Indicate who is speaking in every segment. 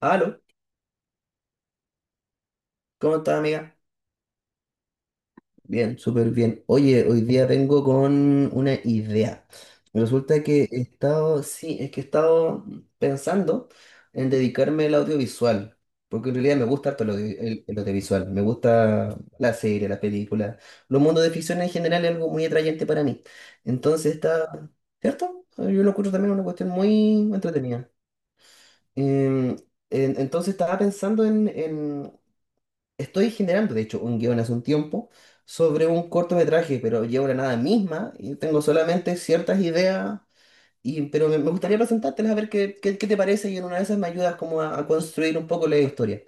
Speaker 1: Aló, ¿cómo estás, amiga? Bien, súper bien. Oye, hoy día vengo con una idea. Resulta que he estado, sí, es que he estado pensando en dedicarme al audiovisual, porque en realidad me gusta harto el audiovisual, me gusta la serie, la película, los mundos de ficción en general es algo muy atrayente para mí. Entonces está, ¿cierto? Yo lo encuentro también una cuestión muy entretenida. Em, entonces estaba pensando en. Estoy generando, de hecho, un guión hace un tiempo sobre un cortometraje, pero llevo la nada misma y tengo solamente ciertas ideas, pero me gustaría presentártelas a ver qué te parece y en una de esas me ayudas como a construir un poco la historia.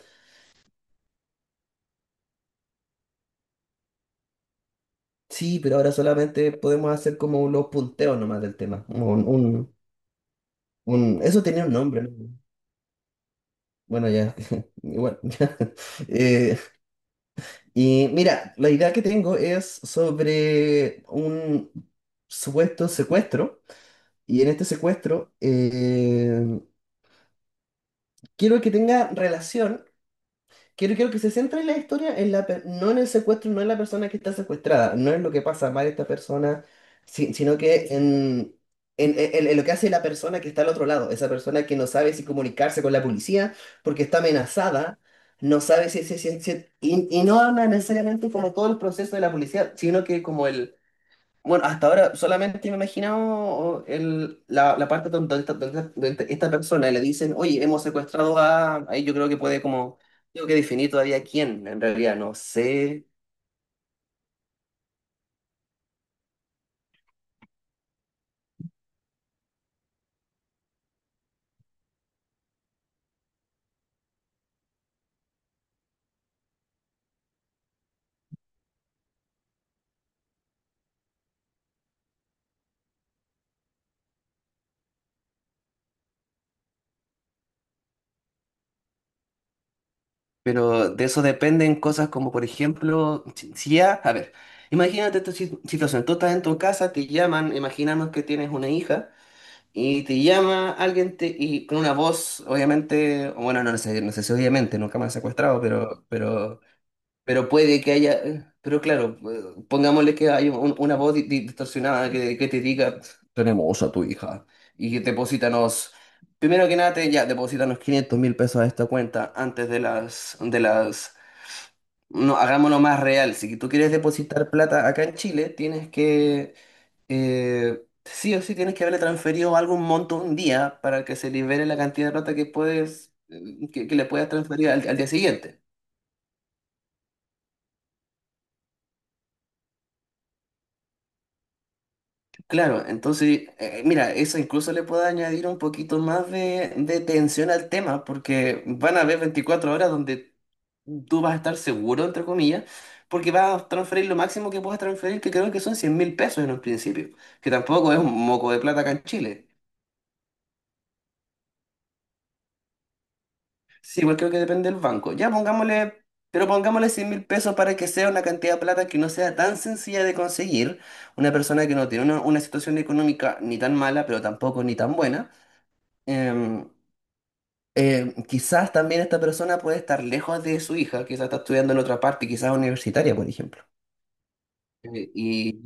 Speaker 1: Sí, pero ahora solamente podemos hacer como los punteos nomás del tema. Eso tenía un nombre, ¿no? Bueno, ya, igual. Ya. Eh, y mira, la idea que tengo es sobre un supuesto secuestro. Y en este secuestro, quiero que tenga relación, quiero que se centre en la historia, no en el secuestro, no en la persona que está secuestrada, no en lo que pasa mal esta persona, sino que en lo que hace la persona que está al otro lado, esa persona que no sabe si comunicarse con la policía porque está amenazada, no sabe si y no habla necesariamente como todo el proceso de la policía, sino que como el bueno, hasta ahora solamente me he imaginado oh, la parte donde, esta- donde, esta donde esta persona le dicen, oye, hemos secuestrado a. Ahí yo creo que puede como. Tengo que definir todavía quién, en realidad, no sé. Pero de eso dependen cosas como, por ejemplo, si ya. A ver, imagínate esta situación. Tú estás en tu casa, te llaman, imaginamos que tienes una hija, y te llama alguien te, y con una voz, obviamente, bueno, no sé, no sé si obviamente, nunca me han secuestrado, pero... pero. Pero puede que haya, pero claro, pongámosle que hay una voz distorsionada que te diga, tenemos a tu hija y deposítanos, primero que nada, te- ya, deposítanos 500.000 pesos a esta cuenta antes de las, no, hagámoslo más real, si tú quieres depositar plata acá en Chile, tienes que, sí o sí, tienes que haberle transferido algún monto un día para que se libere la cantidad de plata que puedes, que le puedas transferir al al día siguiente. Claro, entonces, mira, eso incluso le puede añadir un poquito más de tensión al tema, porque van a haber 24 horas donde tú vas a estar seguro, entre comillas, porque vas a transferir lo máximo que puedas transferir, que creo que son 100 mil pesos en un principio, que tampoco es un moco de plata acá en Chile. Sí, igual creo que depende del banco. Ya pongámosle, pero pongámosle 100 mil pesos para que sea una cantidad de plata que no sea tan sencilla de conseguir, una persona que no tiene una situación económica ni tan mala, pero tampoco ni tan buena. Em, Quizás también esta persona puede estar lejos de su hija, quizás está estudiando en otra parte, quizás universitaria, por ejemplo. Y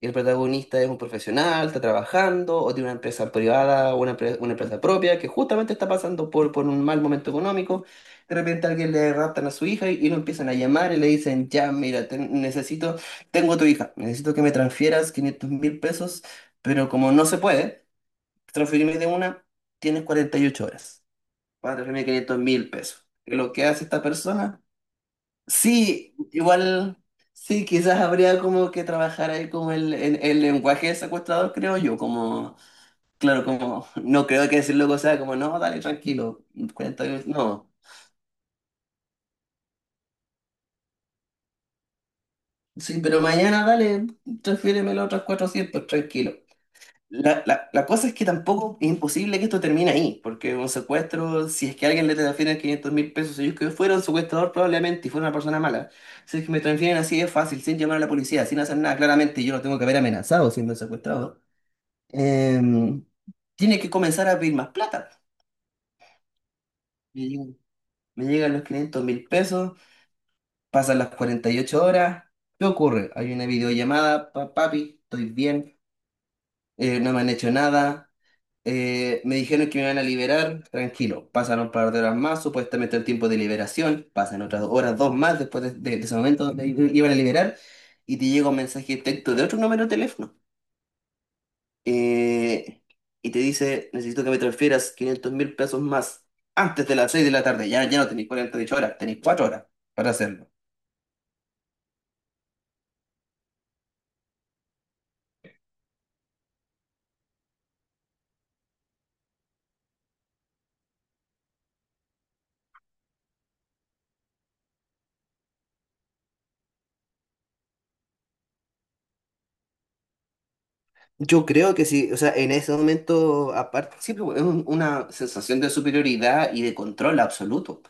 Speaker 1: el protagonista es un profesional, está trabajando, o tiene una empresa privada, o una, una empresa propia, que justamente está pasando por un mal momento económico. De repente alguien le raptan a su hija y lo empiezan a llamar y le dicen, ya, mira, te- necesito, tengo a tu hija, necesito que me transfieras 500.000 pesos, pero como no se puede transferirme de una, tienes 48 horas. 4.500 mil pesos. Y lo que hace esta persona, sí, igual, sí, quizás habría como que trabajar ahí como el, el lenguaje del secuestrador, creo yo, como, claro, como, no creo que decirlo o sea como, no, dale, tranquilo, 40 mil, no. Sí, pero mañana dale, transfiéremelo otros 400 tranquilo. La cosa es que tampoco es imposible que esto termine ahí, porque un secuestro, si es que alguien le transfieren 500.000 pesos, ellos que fueron secuestrador probablemente y fuera una persona mala, si es que me transfieren así es fácil, sin llamar a la policía, sin hacer nada, claramente yo lo tengo que haber amenazado siendo secuestrado, em, tiene que comenzar a pedir más plata. Me llegan, me llegan los 500.000 pesos, pasan las 48 horas, ¿qué ocurre? Hay una videollamada, "Pa- papi, estoy bien, no me han hecho nada. Me dijeron que me van a liberar, tranquilo". Pasan un par de horas más, supuestamente el tiempo de liberación. Pasan otras horas, dos más después de, de ese momento donde iban a liberar. Y te llega un mensaje de texto de otro número de teléfono. eh, y te dice, necesito que me transfieras 500 mil pesos más antes de las 6 de la tarde. Ya, ya no tenéis 48 horas, tenéis 4 horas para hacerlo. Yo creo que sí, o sea, en ese momento, aparte, siempre es una sensación de superioridad y de control absoluto.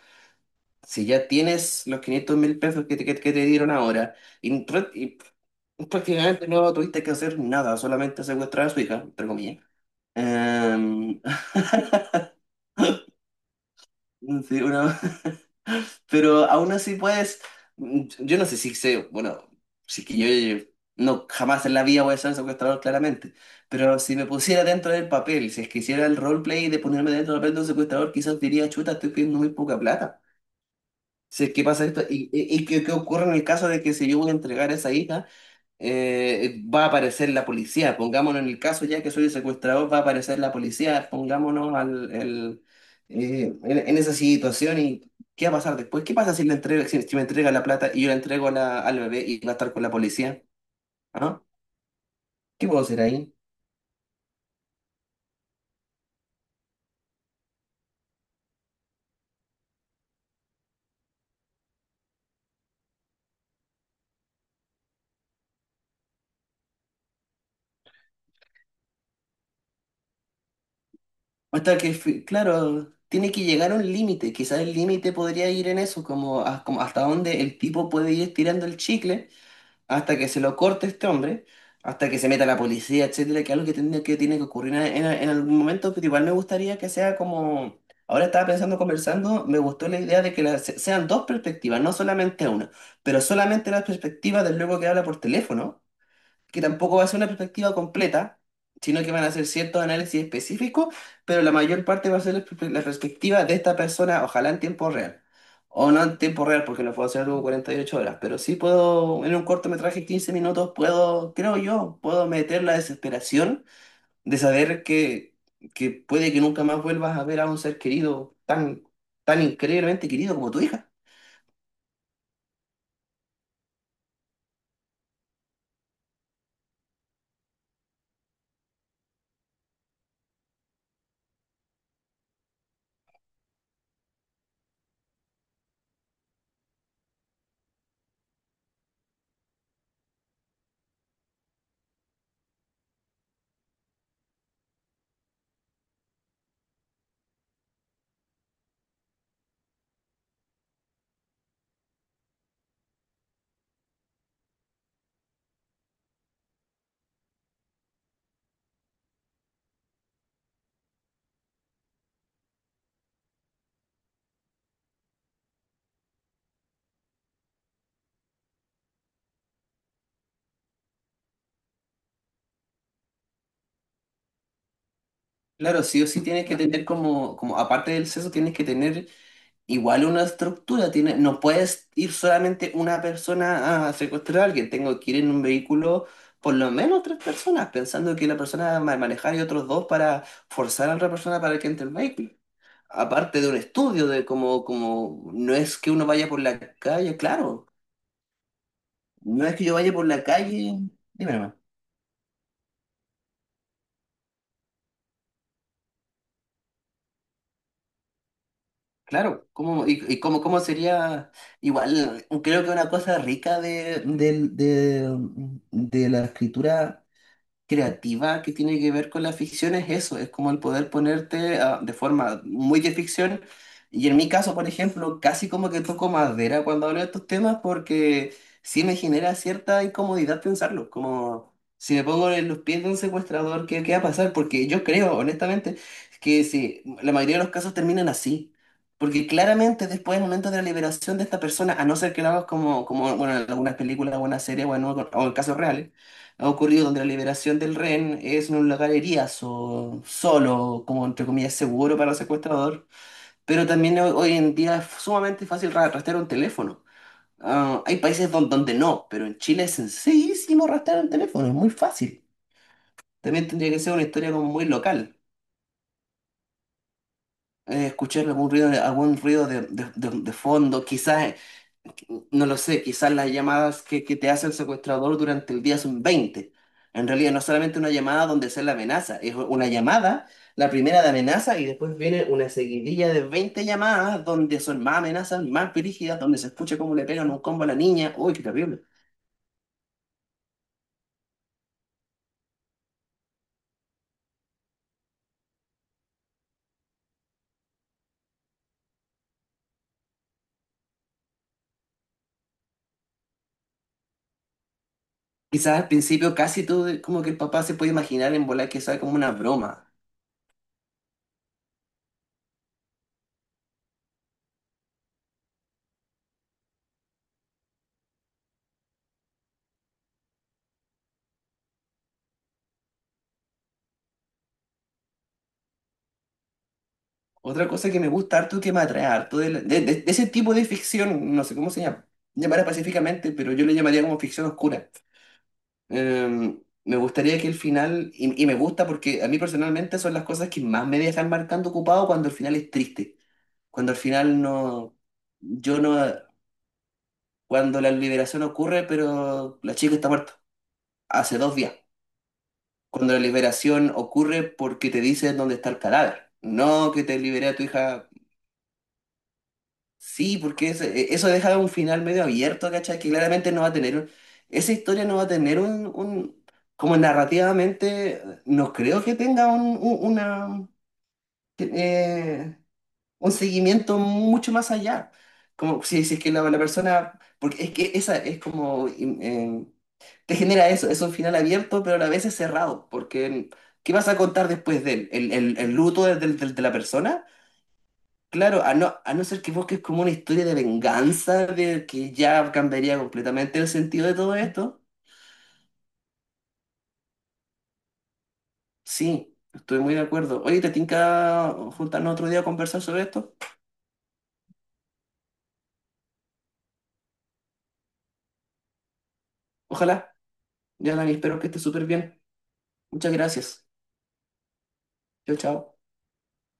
Speaker 1: Si ya tienes los 500.000 pesos que te, que te dieron ahora y, prácticamente no tuviste que hacer nada, solamente secuestrar a su hija, entre comillas. Em, sí, una- Pero aún así puedes, mm, yo no sé si sé, bueno, si es que yo, no, jamás en la vida voy a ser secuestrador claramente, pero si me pusiera dentro del papel, si es que hiciera el roleplay de ponerme dentro del papel de un secuestrador, quizás diría, chuta, estoy pidiendo muy poca plata. Si es que pasa esto, y qué, qué ocurre en el caso de que si yo voy a entregar a esa hija, va a aparecer la policía? Pongámonos en el caso ya que soy el secuestrador, va a aparecer la policía, pongámonos al, el, en esa situación. ¿Y qué va a pasar después? ¿Qué pasa si, le entrega, si, si me entrega la plata y yo la entrego a la- al bebé y va a estar con la policía? ¿Ah? ¿Qué puedo hacer ahí? Hasta que, claro, tiene que llegar a un límite, quizás el límite podría ir en eso, como, como hasta dónde el tipo puede ir tirando el chicle hasta que se lo corte este hombre, hasta que se meta la policía, etcétera, que algo que tiene que, tiene que ocurrir en, en algún momento, pero igual me gustaría que sea como, ahora estaba pensando, conversando, me gustó la idea de que sean dos perspectivas, no solamente una, pero solamente la perspectiva del luego que habla por teléfono, que tampoco va a ser una perspectiva completa, sino que van a ser ciertos análisis específicos, pero la mayor parte va a ser la perspectiva de esta persona, ojalá en tiempo real. O no en tiempo real, porque no puedo hacer algo 48 horas, pero sí puedo, en un cortometraje de 15 minutos, puedo, creo yo, puedo meter la desesperación de saber que puede que nunca más vuelvas a ver a un ser querido tan, tan increíblemente querido como tu hija. Claro, sí o sí tienes que tener como, como aparte del sexo, tienes que tener. Igual una estructura tiene, no puedes ir solamente una persona a secuestrar a alguien, tengo que ir en un vehículo por lo menos 3 personas, pensando que la persona va a manejar y otros dos para forzar a otra persona para que entre el vehículo. Aparte de un estudio de cómo, como no es que uno vaya por la calle, claro, no es que yo vaya por la calle, dime nomás, claro, ¿cómo, y cómo, cómo sería igual? Creo que una cosa rica de, de la escritura creativa que tiene que ver con la ficción es eso, es como el poder ponerte ah, de forma muy de ficción. Y en mi caso, por ejemplo, casi como que toco madera cuando hablo de estos temas, porque sí me genera cierta incomodidad pensarlo, como si me pongo en los pies de un secuestrador, ¿qué, qué va a pasar? Porque yo creo, honestamente, que sí, la mayoría de los casos terminan así. Porque claramente después del momento de la liberación de esta persona, a no ser que lo hagas como, como bueno, en algunas películas o en series o en casos reales, ha ocurrido donde la liberación del rehén es en un lugar eriazo, solo, como entre comillas seguro para el secuestrador, pero también hoy en día es sumamente fácil rastrear un teléfono. Ah, hay países donde no, pero en Chile es sencillísimo rastrear un teléfono, es muy fácil. También tendría que ser una historia como muy local. Escuchar algún ruido de, de fondo, quizás. No lo sé, quizás las llamadas que te hace el secuestrador durante el día son 20. En realidad no es solamente una llamada donde se la amenaza, es una llamada, la primera de amenaza, y después viene una seguidilla de 20 llamadas donde son más amenazas, más brígidas, donde se escucha cómo le pegan un combo a la niña. Uy, qué terrible. Quizás al principio casi todo, como que el papá se puede imaginar en volar que sea como una broma. Otra cosa que me gusta harto, que me atrae harto de, de ese tipo de ficción, no sé cómo se llama, llamará pacíficamente, pero yo le llamaría como ficción oscura. Eh, Me gustaría que el final, y me gusta porque a mí personalmente son las cosas que más me dejan marcando ocupado cuando el final es triste, cuando al final no, yo no, cuando la liberación ocurre, pero la chica está muerta, hace 2 días, cuando la liberación ocurre porque te dicen dónde está el cadáver, no que te liberé a tu hija. Sí, porque eso, e, eso deja un final medio abierto, ¿cachai? Que claramente no va a tener un-, esa historia no va a tener un- como narrativamente, no creo que tenga un- una, eh, un seguimiento mucho más allá. Como si, si es que la persona, porque es que esa es como, te genera eso, es un final abierto, pero a la vez es cerrado, porque ¿qué vas a contar después de él? ¿El, el luto del- del- del- de la persona? Claro, a no ser que busques como una historia de venganza, de que ya cambiaría completamente el sentido de todo esto. Sí, estoy muy de acuerdo. Oye, ¿te tinca juntarnos otro día a conversar sobre esto? Ojalá. Ya, Dani, espero que estés súper bien. Muchas gracias. Chao, chao.